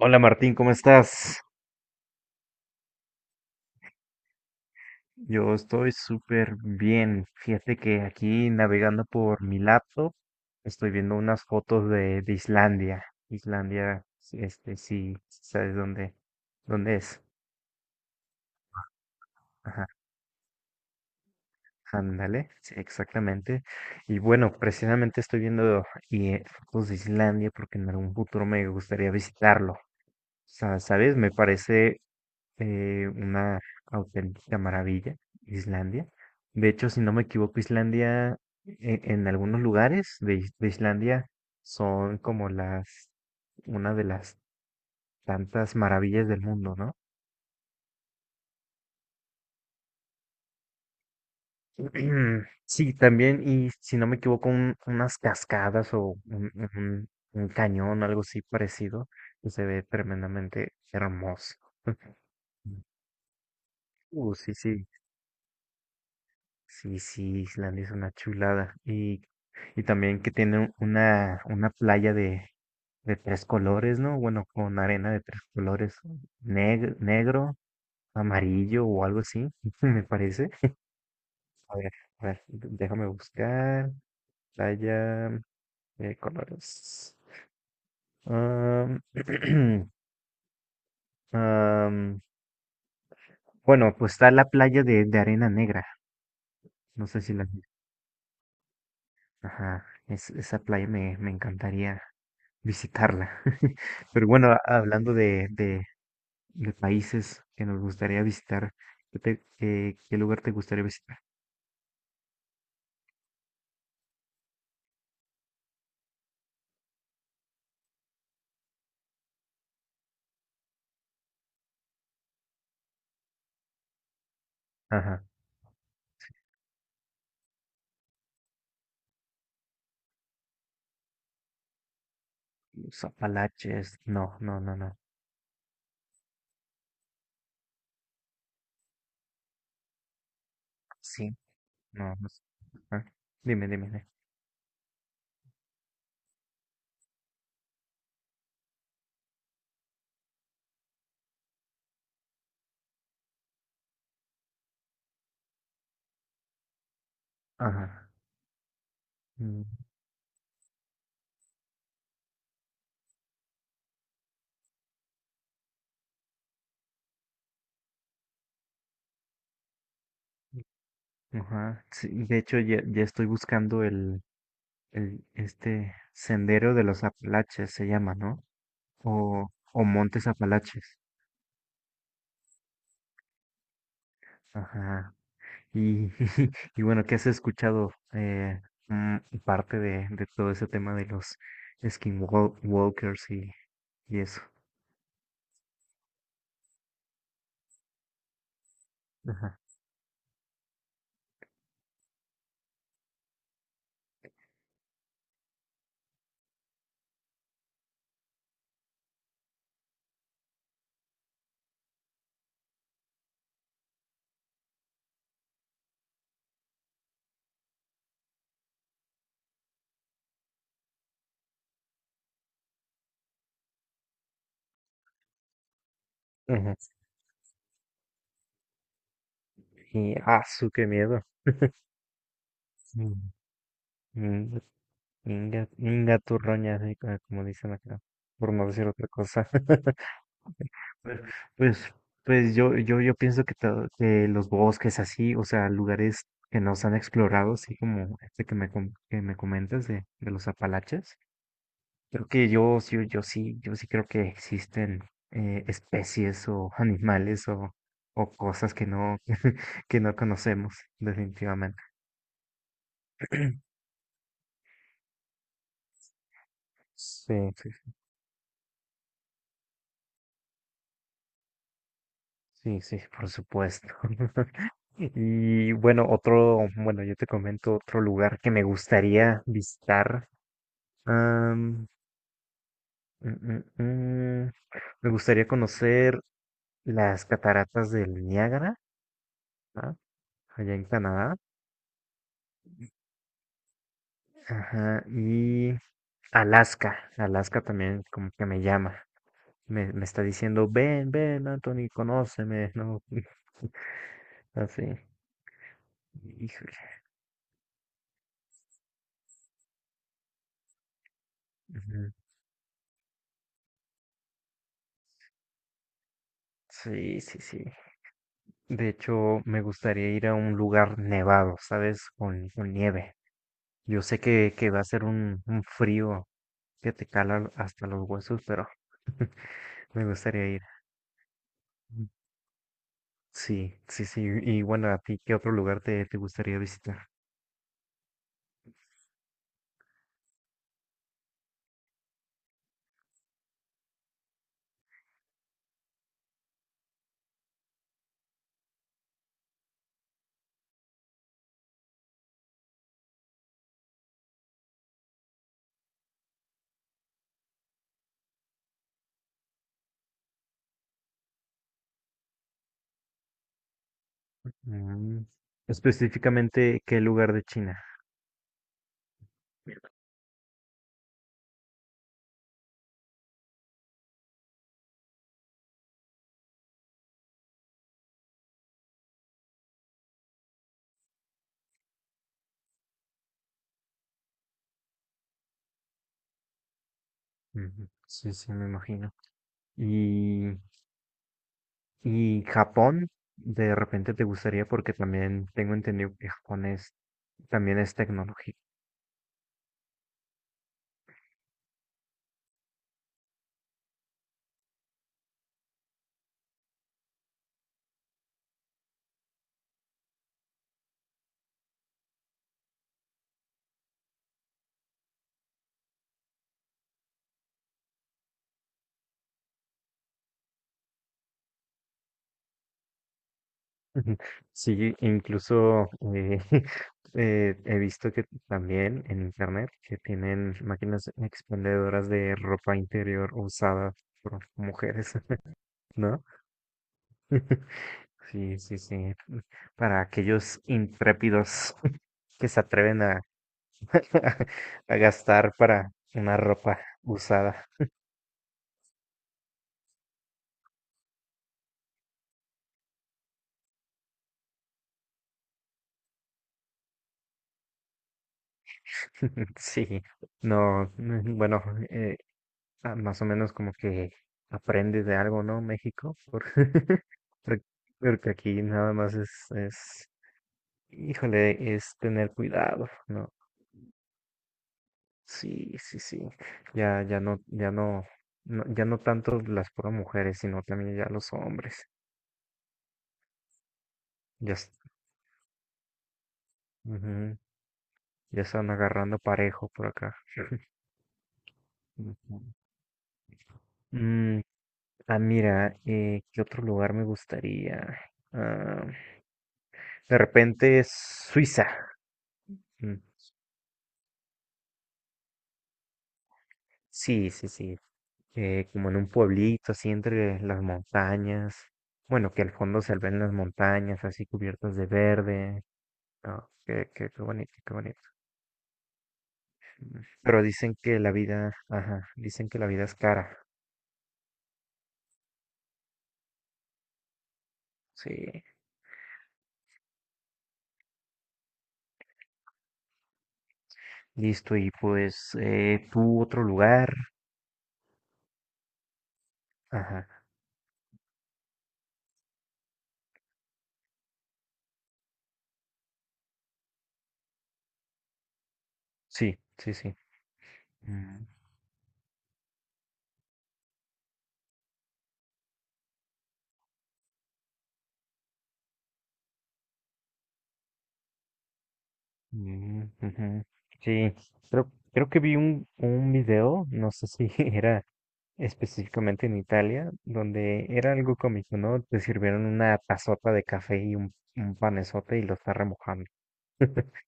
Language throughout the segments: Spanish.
Hola Martín, ¿cómo estás? Yo estoy súper bien. Fíjate que aquí navegando por mi laptop estoy viendo unas fotos de Islandia. Islandia, sí, sí, ¿sabes dónde es? Ajá, ándale, sí, exactamente. Y bueno, precisamente estoy viendo y, eh, fotos de Islandia porque en algún futuro me gustaría visitarlo. ¿Sabes? Me parece una auténtica maravilla, Islandia. De hecho, si no me equivoco, Islandia, en, algunos lugares de Islandia son como una de las tantas maravillas del mundo, ¿no? Sí, también, y si no me equivoco, unas cascadas o un cañón, algo así parecido, que se ve tremendamente hermoso. Sí, sí. Sí, sí, Islandia es una chulada. Y también que tiene una playa de tres colores, ¿no? Bueno, con arena de tres colores, negro, amarillo o algo así, me parece. A ver, a ver, déjame buscar. Playa de colores. Am, am, bueno, pues está la playa de arena negra. No sé si la. Ajá, esa playa me encantaría visitarla. Pero bueno, hablando de países que nos gustaría visitar, ¿qué lugar te gustaría visitar? Ajá. Los Apalaches. No, no, no, no. Sí, no, no sé. Ajá. Dime, dime, dime. Ajá. Mm, ajá. Sí, de hecho, ya, ya estoy buscando el este sendero de los Apalaches, se llama, ¿no? O, o Montes Apalaches. Ajá. Y, y bueno, ¿qué has escuchado mm, parte de todo ese tema de los skinwalkers y eso? Ajá, ajá. Qué miedo. Mm, mm, Inga, inga turroña, sí, como dicen acá, por no decir otra cosa. Pues, pues, pues yo pienso que los bosques así, o sea, lugares que no se han explorado, así como este que que me comentas de los Apalaches, creo que yo sí creo que existen especies o animales o cosas que no, que no conocemos, definitivamente. Sí, sí, sí, sí, por supuesto. Y bueno, bueno, yo te comento otro lugar que me gustaría visitar. Am, mm, mm, mm, me gustaría conocer las cataratas del Niágara, ¿ah? Allá en Canadá. Ajá, y Alaska, Alaska también como que me llama, me está diciendo, ven, ven, Anthony, conóceme, ¿no? Así, híjole. Ujú. Sí, sí, sí. De hecho, me gustaría ir a un lugar nevado, ¿sabes? Con nieve. Yo sé que va a ser un frío que te cala hasta los huesos, pero me gustaría ir. Sí, sí, sí. Y bueno, ¿a ti qué otro lugar te gustaría visitar? Mm, Específicamente, ¿qué lugar de China? Ujú, sí, sí, me imagino. Y, y Japón, de repente te gustaría porque también tengo entendido que Japón también es tecnología. Sí, incluso he visto que también en internet que tienen máquinas expendedoras de ropa interior usada por mujeres, ¿no? Sí, sí, sí. Para aquellos intrépidos que se atreven a, a gastar para una ropa usada. Sí, no, bueno, eh, más o menos como que aprende de algo, ¿no? México, por- porque aquí nada más es, híjole, es tener cuidado, ¿no? Sí, sí, sí. Ya, ya no, ya no, ya no tanto las puras mujeres, sino también ya los hombres. Ya, es- Ujú, ya están agarrando parejo por acá. Ujú. Mm, Mira, ¿qué otro lugar me gustaría? Ah, de repente Suiza. Mm, Sí, sí, sí. Como en un pueblito, así entre las montañas. Bueno, que al fondo se ven las montañas, así cubiertas de verde. Ah, qué bonito, qué bonito. Pero dicen que la vida, ajá, dicen que la vida es cara. Sí, listo. Y pues, tú otro lugar. Ajá, sí, sí, sí. Mm, mm, ujú. Sí, creo que vi un video, no sé si era específicamente en Italia, donde era algo cómico, ¿no? Te sirvieron una tazota de café y un panesote y lo está remojando.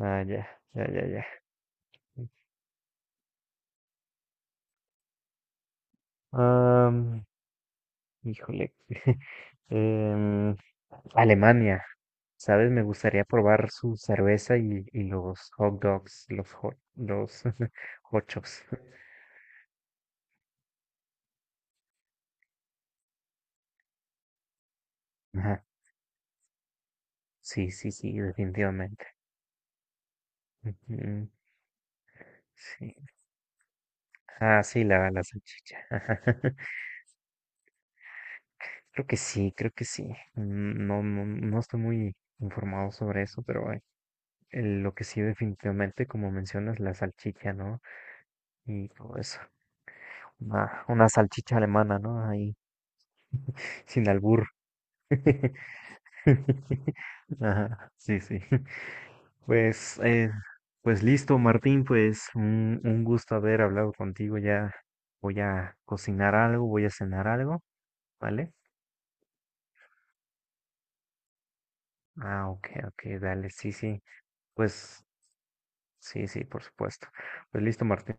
Ah, ya, ya, ya, ya. Am, Híjole. em, Alemania, ¿sabes? Me gustaría probar su cerveza y los hot dogs, los hochos. Ajá, sí, sí, sí, definitivamente. Ujú, sí. Ah, sí, la salchicha, ajá. Creo que sí, creo que sí. Mm, no, no, no estoy muy informado sobre eso, pero lo que sí definitivamente, como mencionas, la salchicha, ¿no? Y todo eso. Una salchicha alemana, ¿no? Sin albur. Ajá, sí, sí. Pues, pues listo, Martín, pues un gusto haber hablado contigo. Ya voy a cocinar algo, voy a cenar algo, ¿vale? Ah, ok, ok, dale, sí, sí. Pues sí, sí, por supuesto. Pues listo, Martín.